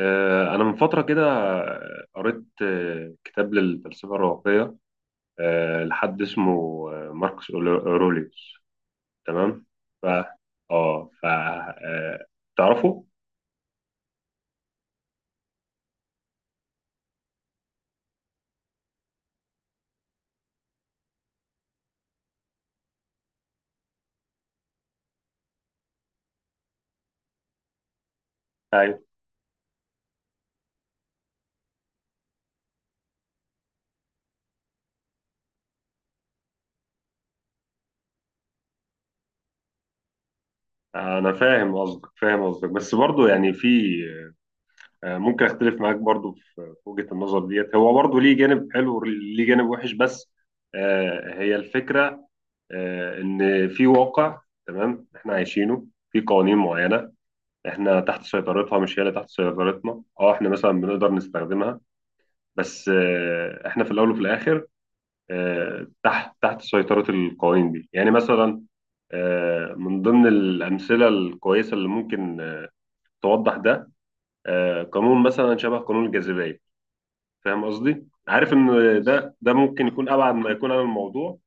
أنا من فترة كده قريت كتاب للفلسفة الرواقية، لحد اسمه، ماركوس أوروليوس، تمام؟ ف آه ف آه، تعرفه؟ أيوه. أنا فاهم قصدك، بس برضه يعني في، ممكن أختلف معاك برضه في وجهة النظر ديت. هو برضه ليه جانب حلو وليه جانب وحش، بس هي الفكرة إن في واقع، تمام، إحنا عايشينه، في قوانين معينة احنا تحت سيطرتها، مش هي اللي تحت سيطرتنا. اه احنا مثلا بنقدر نستخدمها، بس احنا في الاول وفي الاخر تحت سيطرة القوانين دي. يعني مثلا من ضمن الامثلة الكويسة اللي ممكن توضح ده، قانون مثلا شبه قانون الجاذبية. فاهم قصدي؟ عارف ان ده ممكن يكون ابعد ما يكون عن الموضوع.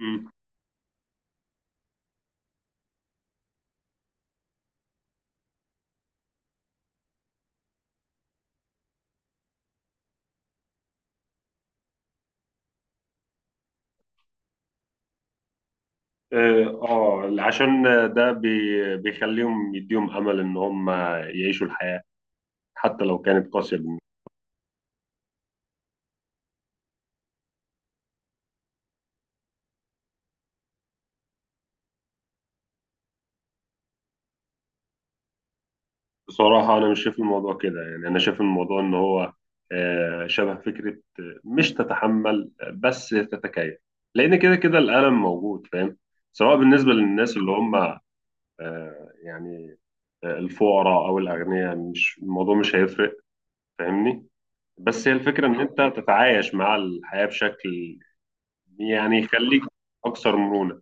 مم. اه، عشان ده بيخليهم يديهم امل ان هم يعيشوا الحياة حتى لو كانت قاسية بالنسبة. بصراحة أنا مش شايف الموضوع كده، يعني أنا شايف الموضوع إن هو شبه فكرة مش تتحمل، بس تتكيف، لأن كده كده الألم موجود، فاهم، سواء بالنسبة للناس اللي هم يعني الفقراء أو الأغنياء. مش الموضوع مش هيفرق، فاهمني، بس هي الفكرة إن أنت تتعايش مع الحياة بشكل، يعني، يخليك أكثر مرونة.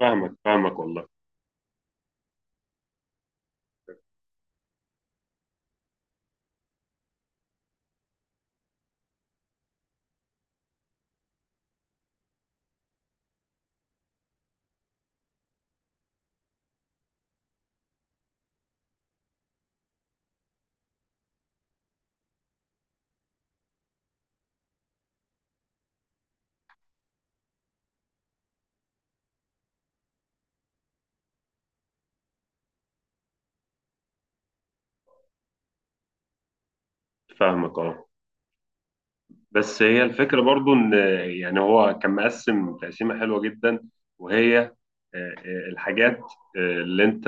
فاهمك والله. فاهمك أه، بس هي الفكرة برضو إن، يعني، هو كان مقسم تقسيمة حلوة جدا، وهي الحاجات اللي أنت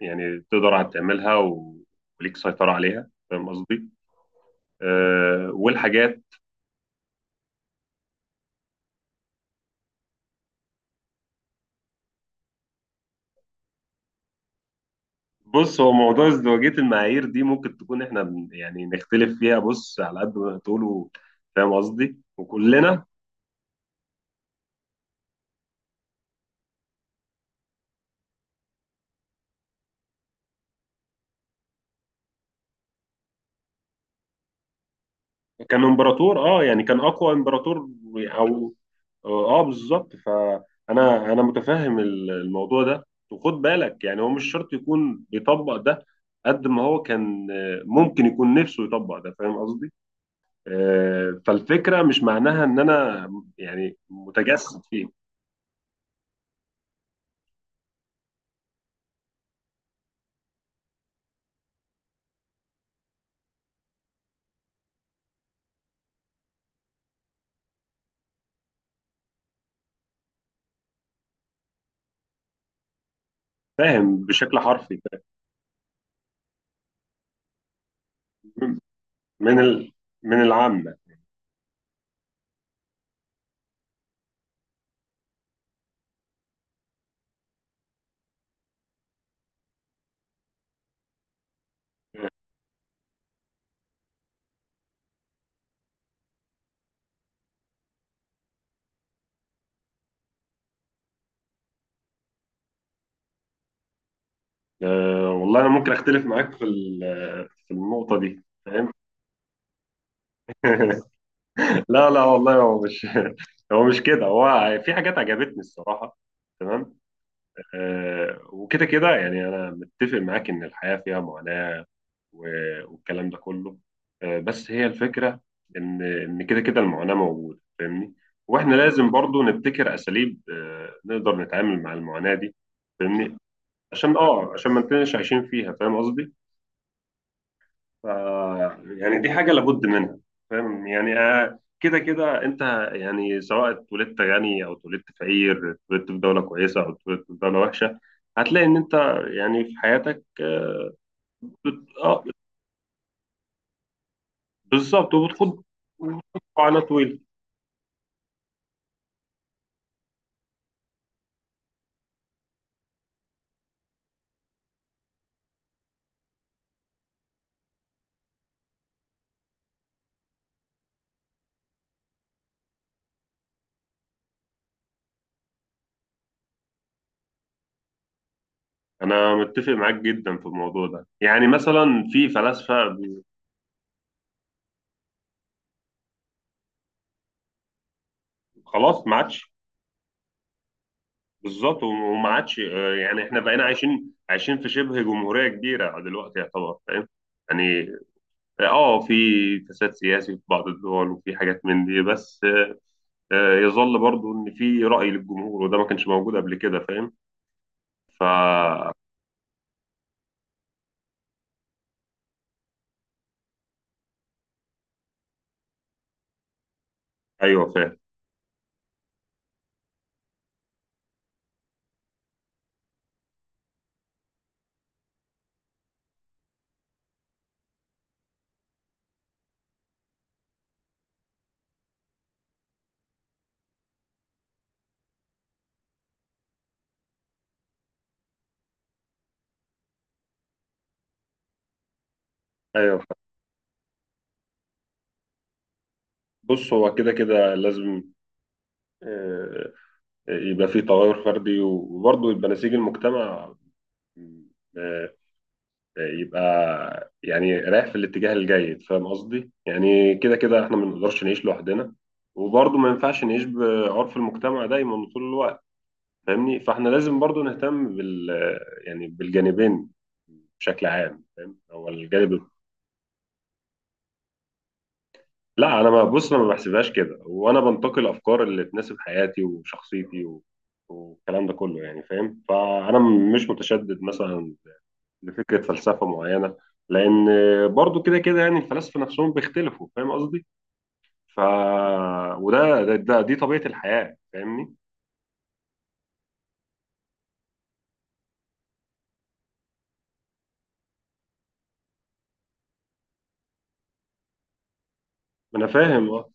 يعني تقدر على تعملها وليك سيطرة عليها، فاهم قصدي؟ والحاجات. بص، هو موضوع ازدواجية المعايير دي ممكن تكون إحنا يعني نختلف فيها. بص، على قد ما تقولوا، فاهم قصدي؟ وكلنا كان امبراطور. اه، يعني كان اقوى امبراطور او، اه بالظبط. فانا متفهم الموضوع ده. وخد بالك يعني هو مش شرط يكون بيطبق ده، قد ما هو كان ممكن يكون نفسه يطبق ده، فاهم قصدي؟ فالفكره مش معناها ان انا يعني متجسد فيه. فاهم بشكل حرفي. فاهم؟ من ال، من العامه. والله انا ممكن اختلف معاك في في النقطه دي، فاهم؟ لا والله هو مش هو مش كده، هو في حاجات عجبتني الصراحة، تمام. آه وكده كده، يعني أنا متفق معاك إن الحياة فيها معاناة والكلام ده كله. آه، بس هي الفكرة إن كده كده المعاناة موجودة، فاهمني، وإحنا لازم برضو نبتكر أساليب آه نقدر نتعامل مع المعاناة دي. فاهمني، عشان آه عشان ما نكونش عايشين فيها، فاهم قصدي. ف، يعني دي حاجة لابد منها. فاهم؟ يعني كده كده انت، يعني سواء اتولدت غني او اتولدت فقير، اتولدت في دولة كويسة او اتولدت في دولة وحشة، هتلاقي ان انت يعني في حياتك اه، بالظبط. وبتخوض، وبتخوض على طويل. انا متفق معاك جدا في الموضوع ده. يعني مثلا في فلاسفة، خلاص ما عادش. بالظبط، وما عادش يعني احنا بقينا عايشين في شبه جمهورية كبيرة دلوقتي يعتبر، فاهم يعني. اه في فساد سياسي في بعض الدول وفي حاجات من دي، بس يظل برضو ان في رأي للجمهور، وده ما كانش موجود قبل كده، فاهم. فا، ايوه فاهم. ايوه فاهم. بص، هو كده كده لازم آه، يبقى في تغير فردي، وبرضو يبقى نسيج المجتمع آه، يبقى يعني رايح في الاتجاه الجيد، فاهم قصدي. يعني كده كده احنا ما نقدرش نعيش لوحدنا، وبرضو ما ينفعش نعيش بعرف المجتمع دايما طول الوقت، فاهمني. فاحنا لازم برضو نهتم بال، يعني بالجانبين بشكل عام، فاهم. هو الجانب، لا انا ما، بص انا ما بحسبهاش كده، وانا بنتقي الافكار اللي تناسب حياتي وشخصيتي و... والكلام ده كله، يعني فاهم. فانا مش متشدد مثلا لفكره فلسفه معينه، لان برضو كده كده يعني الفلاسفه نفسهم بيختلفوا، فاهم قصدي. ف، وده ده, ده دي طبيعه الحياه، فاهمني. انا فاهم،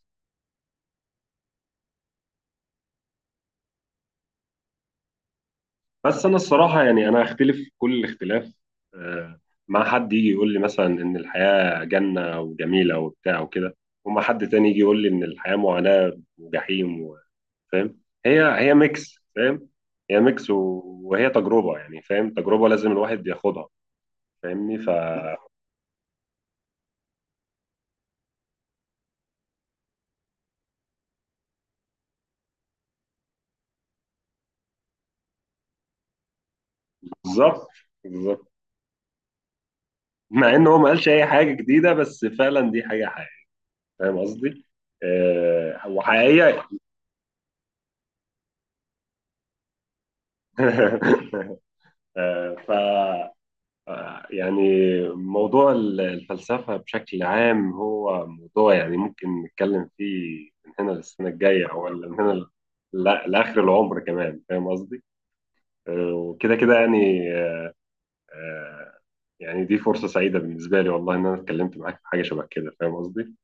بس انا الصراحه، يعني انا هختلف كل الاختلاف آه، مع حد يجي يقول لي مثلا ان الحياه جنه وجميله وبتاع وكده، وما حد تاني يجي يقول لي ان الحياه معاناه وجحيم فاهم. هي ميكس، فاهم، هي ميكس وهي تجربه، يعني فاهم، تجربه لازم الواحد ياخدها، فاهمني. ف، بالظبط. بالظبط، مع ان هو ما قالش اي حاجه جديده، بس فعلا دي حاجه حقيقيه، فاهم قصدي. وحقيقيه. آه، يعني موضوع الفلسفة بشكل عام هو موضوع، يعني ممكن نتكلم فيه من هنا للسنة الجاية أو، ولا من هنا لآخر العمر كمان، فاهم قصدي؟ وكده كده يعني آه، يعني دي فرصة سعيدة بالنسبة لي، والله، إن أنا اتكلمت معاك في حاجة شبه كده، فاهم قصدي؟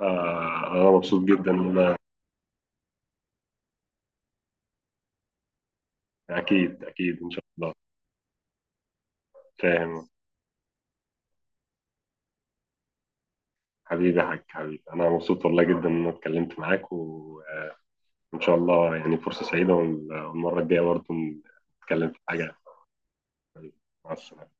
أنا مبسوط جدا إن أنا، أكيد أكيد إن شاء الله. فاهم، حبيبي يا حاج، حبيبي، أنا مبسوط والله جدا إن أنا اتكلمت معاك، و إن شاء الله، يعني فرصة سعيدة، والمرة الجاية برضه نتكلم في حاجة. مع السلامة.